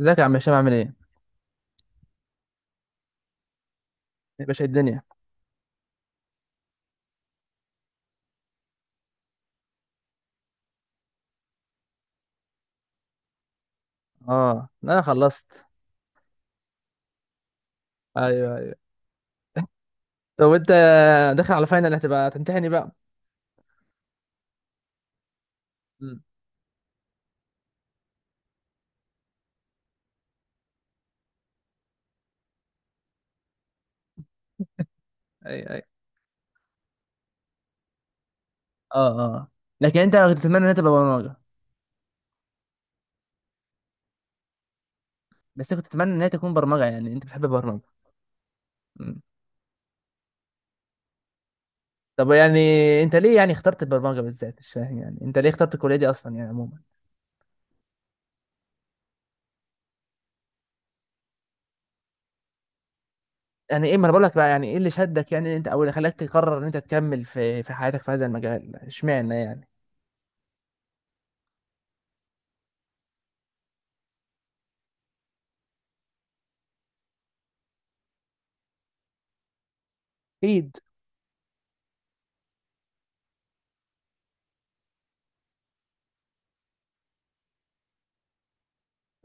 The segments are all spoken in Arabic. ازيك يا عم هشام، عامل ايه؟ يا باشا الدنيا. اه، انا خلصت. ايوه، ايوه. طب وانت داخل على فاينل، هتبقى تمتحني بقى. امم. ايوه، ايوه. اه، اه. لكن انت كنت تتمنى انها تبقى برمجه؟ بس كنت تتمنى انها تكون برمجه، يعني انت بتحب البرمجه. امم. طب يعني انت ليه يعني اخترت البرمجه بالذات؟ مش فاهم، يعني انت ليه اخترت الكليه دي اصلا يعني عموما. يعني ايه، ما انا بقول لك بقى يعني ايه اللي شدك، يعني انت او اللي خلاك تقرر ان انت تكمل في حياتك في هذا المجال، اشمعنى يعني. اكيد.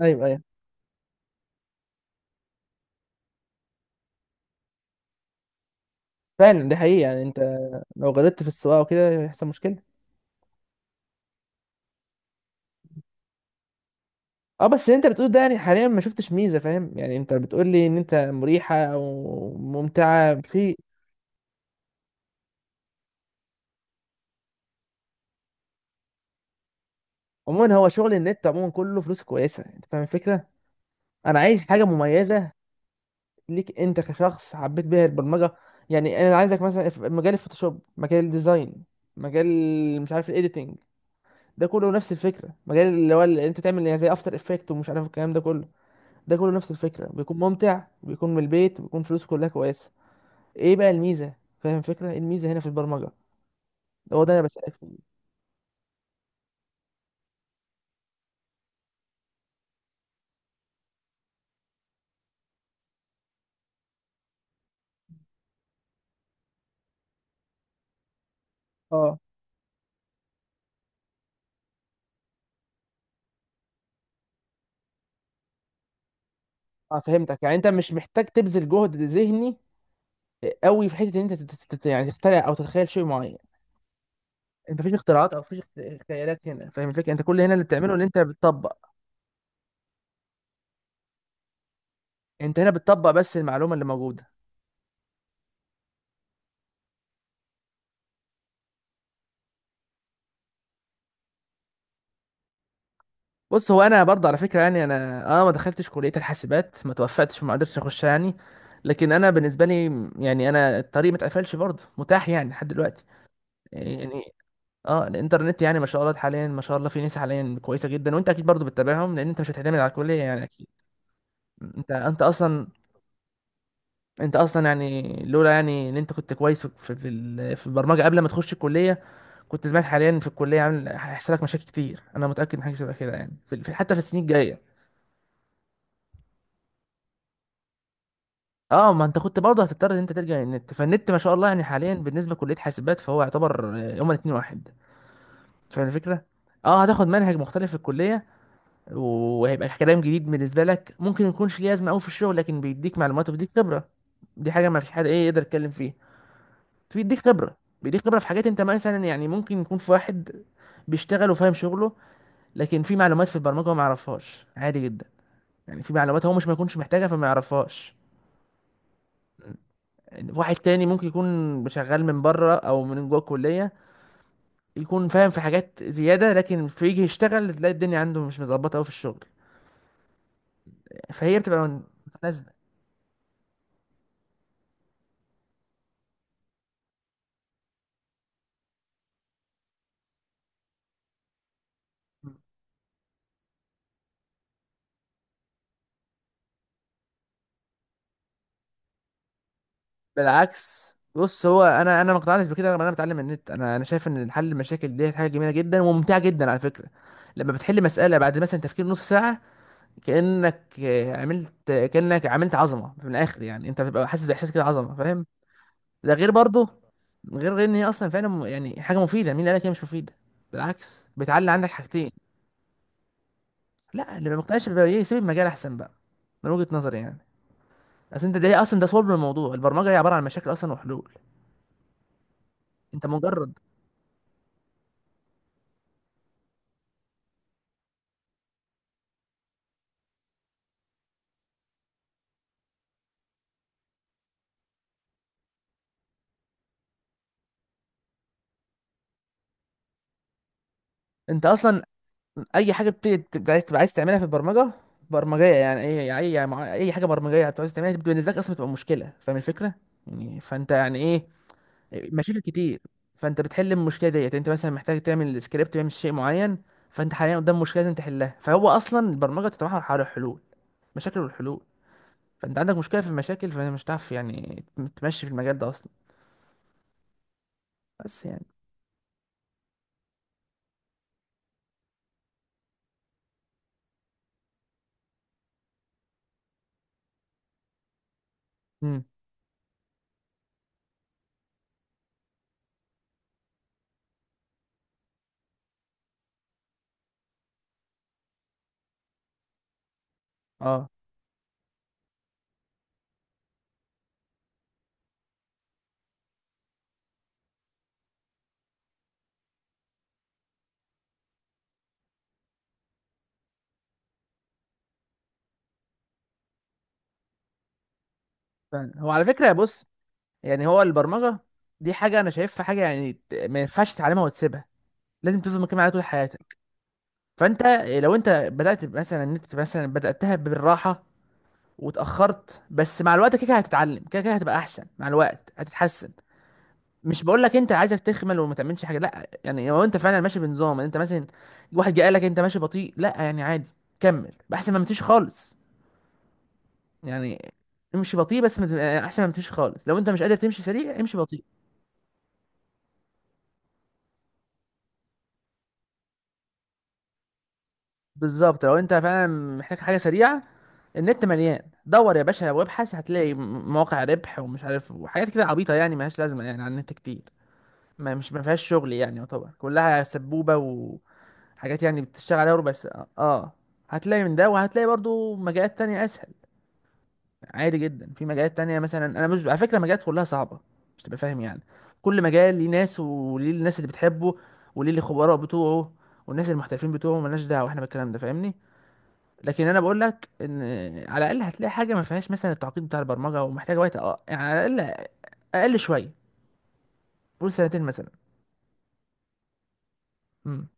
ايوه، ايوه. فعلا دي حقيقة، يعني انت لو غلطت في السواقة وكده هيحصل مشكلة. اه، بس اللي انت بتقول ده، يعني حاليا ما شفتش ميزه. فاهم، يعني انت بتقول لي ان انت مريحه او ممتعه في. عموما هو شغل النت عموما كله فلوس كويسه، انت فاهم الفكره. انا عايز حاجه مميزه ليك انت كشخص حبيت بيها البرمجه. يعني انا عايزك مثلا في مجال الفوتوشوب، مجال الديزاين، مجال مش عارف الايديتنج، ده كله نفس الفكره. مجال اللي هو اللي انت تعمل، يعني زي افتر افكت ومش عارف الكلام ده كله، ده كله نفس الفكره، بيكون ممتع، بيكون من البيت، بيكون فلوسه كلها كويسه. ايه بقى الميزه؟ فاهم الفكره، إيه الميزه هنا في البرمجه؟ هو ده انا بسألك فيه. اه، اه. فهمتك، يعني انت مش محتاج تبذل جهد ذهني قوي في حته ان انت يعني تخترع او تتخيل شيء معين. انت مفيش اختراعات، او مفيش خيالات هنا. فاهم الفكره، انت كل هنا اللي بتعمله ان انت بتطبق. انت هنا بتطبق بس المعلومه اللي موجوده. بص، هو انا برضه على فكره، يعني انا ما دخلتش كليه الحاسبات، ما توفقتش وما قدرتش اخش يعني. لكن انا بالنسبه لي، يعني انا الطريق ما اتقفلش، برضه متاح يعني لحد دلوقتي يعني. اه، الانترنت يعني ما شاء الله حاليا، ما شاء الله في ناس حاليا كويسه جدا، وانت اكيد برضو بتتابعهم، لان انت مش هتعتمد على الكليه يعني اكيد. انت انت اصلا انت اصلا، يعني لولا يعني ان انت كنت كويس في البرمجه قبل ما تخش الكليه، كنت زمان حاليا في الكليه عامل هيحصل لك مشاكل كتير. انا متاكد من حاجه شبه كده، يعني حتى في السنين الجايه. اه، ما انت كنت برضه هتضطر ان انت ترجع النت، فالنت ما شاء الله يعني حاليا بالنسبه لكليه حاسبات، فهو يعتبر هما الاثنين واحد. فاهم الفكره، اه، هتاخد منهج مختلف في الكليه وهيبقى كلام جديد بالنسبه لك، ممكن ما يكونش ليه لازمه قوي في الشغل، لكن بيديك معلومات وبيديك خبره. دي حاجه ما فيش حد ايه يقدر يتكلم فيها. بيديك خبره، بيديك خبره في حاجات، انت مثلا يعني ممكن يكون في واحد بيشتغل وفاهم شغله، لكن في معلومات في البرمجه هو ما يعرفهاش عادي جدا. يعني في معلومات هو مش ما يكونش محتاجها فما يعرفهاش. واحد تاني ممكن يكون شغال من بره او من جوه الكليه، يكون فاهم في حاجات زياده، لكن في يجي يشتغل تلاقي الدنيا عنده مش مظبطه قوي في الشغل. فهي بتبقى متناسبه. بالعكس، بص هو انا ما اقتنعتش بكده، لما انا بتعلم النت انا شايف ان حل المشاكل دي حاجه جميله جدا وممتعه جدا على فكره. لما بتحل مساله بعد مثلا تفكير نص ساعه، كانك عملت، كانك عملت عظمه من الاخر، يعني انت بتبقى حاسس باحساس كده عظمه، فاهم؟ ده غير برضه، غير ان هي اصلا فعلا يعني حاجه مفيده. مين اللي قالك هي مش مفيده؟ بالعكس، بتعلي عندك حاجتين. لا، اللي ما مقتنعش بيها يسيب المجال احسن بقى، من وجهه نظري يعني. اصل انت ده اصلا ده صلب الموضوع، البرمجه هي عباره عن مشاكل اصلا وحلول. انت مجرد، انت اصلا اي حاجه بتبقى بت... عايز تبقى عايز تعملها في البرمجه، برمجيه يعني، اي يعني اي حاجه برمجيه بتبقى عايز تعملها دي بالنسبه لك اصلا بتبقى مشكله. فاهم الفكره؟ يعني فانت يعني ايه، مشاكل كتير. فانت بتحل المشكله ديت، انت مثلا محتاج تعمل سكريبت بيعمل شيء معين، فانت حاليا قدام مشكله لازم تحلها. فهو اصلا البرمجه بتتمحور حول الحلول، مشاكل والحلول. فانت عندك مشكله في المشاكل فمش هتعرف يعني تمشي في المجال ده اصلا. بس يعني. امم. اه، فعلا. هو على فكره بص، يعني هو البرمجة دي حاجة أنا شايفها حاجة يعني ما ينفعش تتعلمها وتسيبها، لازم تفضل مكمل عليها طول حياتك. فأنت لو أنت بدأت مثلا، إن أنت مثلا بدأتها بالراحة وتأخرت، بس مع الوقت كده كده هتتعلم، كده كده هتبقى أحسن، مع الوقت هتتحسن. مش بقول لك أنت عايزك تخمل وما تعملش حاجة لا، يعني لو أنت فعلا ماشي بنظام، أنت مثلا واحد جه قال لك أنت ماشي بطيء، لا يعني عادي، كمل، أحسن ما متمشيش خالص. يعني امشي بطيء، بس ما تبقى- أحسن ما متمشيش خالص، لو أنت مش قادر تمشي سريع امشي بطيء. بالظبط، لو انت فعلا محتاج حاجه سريعه، النت مليان، دور يا باشا وابحث هتلاقي مواقع ربح ومش عارف وحاجات كده عبيطه يعني ملهاش لازمه، يعني على النت كتير، ما مش ما فيهاش شغل يعني، يعتبر كلها سبوبه وحاجات يعني بتشتغل عليها ربع ساعه. اه، هتلاقي من ده، وهتلاقي برضو مجالات تانية اسهل. عادي جدا، في مجالات تانية مثلا، انا مش على فكره مجالات كلها صعبه، مش تبقى فاهم يعني. كل مجال ليه ناس وليه الناس اللي بتحبه وليه الخبراء بتوعه والناس المحترفين بتوعه، ملناش دعوه احنا بالكلام ده، فاهمني؟ لكن انا بقول لك ان على الاقل هتلاقي حاجه ما فيهاش مثلا التعقيد بتاع البرمجه ومحتاجه وقت، اه يعني على الاقل اقل شويه، قول سنتين مثلا. امم.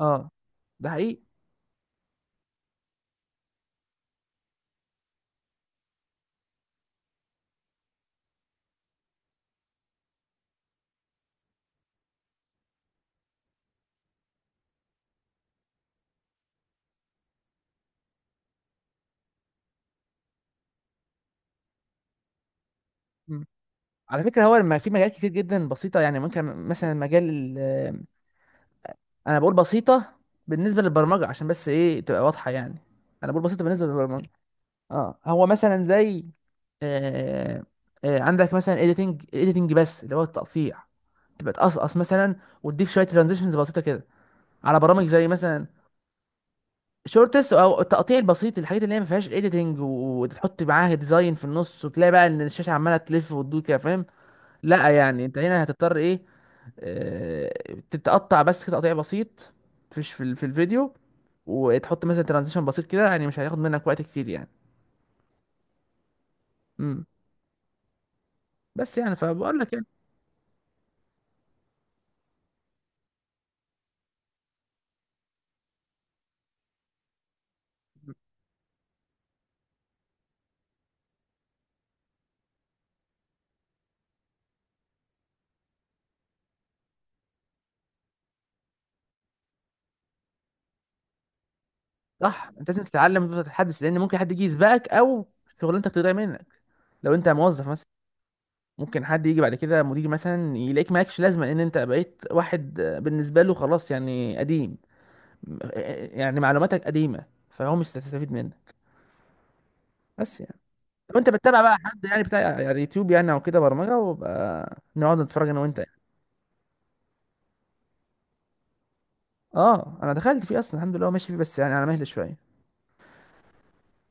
اه ده حقيقي. مم. على فكره هو لما في مجالات كتير جدا بسيطه، يعني ممكن مثلا مجال ال- انا بقول بسيطه بالنسبه للبرمجه عشان بس ايه تبقى واضحه يعني. انا بقول بسيطه بالنسبه للبرمجه. اه، هو مثلا زي آه عندك مثلا اديتنج، اديتنج بس اللي هو التقطيع، تبقى تقصقص مثلا وتضيف شويه ترانزيشنز بسيطه كده، على برامج زي مثلا شورتس او التقطيع البسيط، الحاجات اللي هي ما فيهاش اديتنج وتحط معاها ديزاين في النص وتلاقي بقى ان الشاشه عماله تلف وتدور كده، فاهم؟ لا يعني انت هنا هتضطر ايه، آه، تتقطع بس كده تقطيع بسيط فيش في الفيديو، وتحط مثلا ترانزيشن بسيط كده، يعني مش هياخد منك وقت كتير يعني. امم. بس يعني فبقول لك يعني. صح، انت لازم تتعلم وتفضل تتحدث، لان ممكن حد يجي يسبقك او شغلانتك تضيع منك لو انت موظف مثلا. ممكن حد يجي بعد كده مدير مثلا يلاقيك مالكش لازمه، لان انت بقيت واحد بالنسبه له خلاص يعني قديم، يعني معلوماتك قديمه فهو مش هتستفيد منك. بس يعني لو انت بتتابع بقى حد يعني بتاع يعني يوتيوب يعني او كده برمجه، وبقى نقعد نتفرج انا وانت يعني. اه، انا دخلت فيه اصلا الحمد لله، هو ماشي فيه بس يعني على مهل شويه.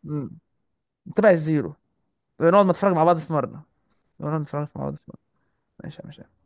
امم. متابع الزيرو. نقعد نتفرج مع بعض في مره. نقعد نتفرج مع بعض في مره. ماشي، ماشي.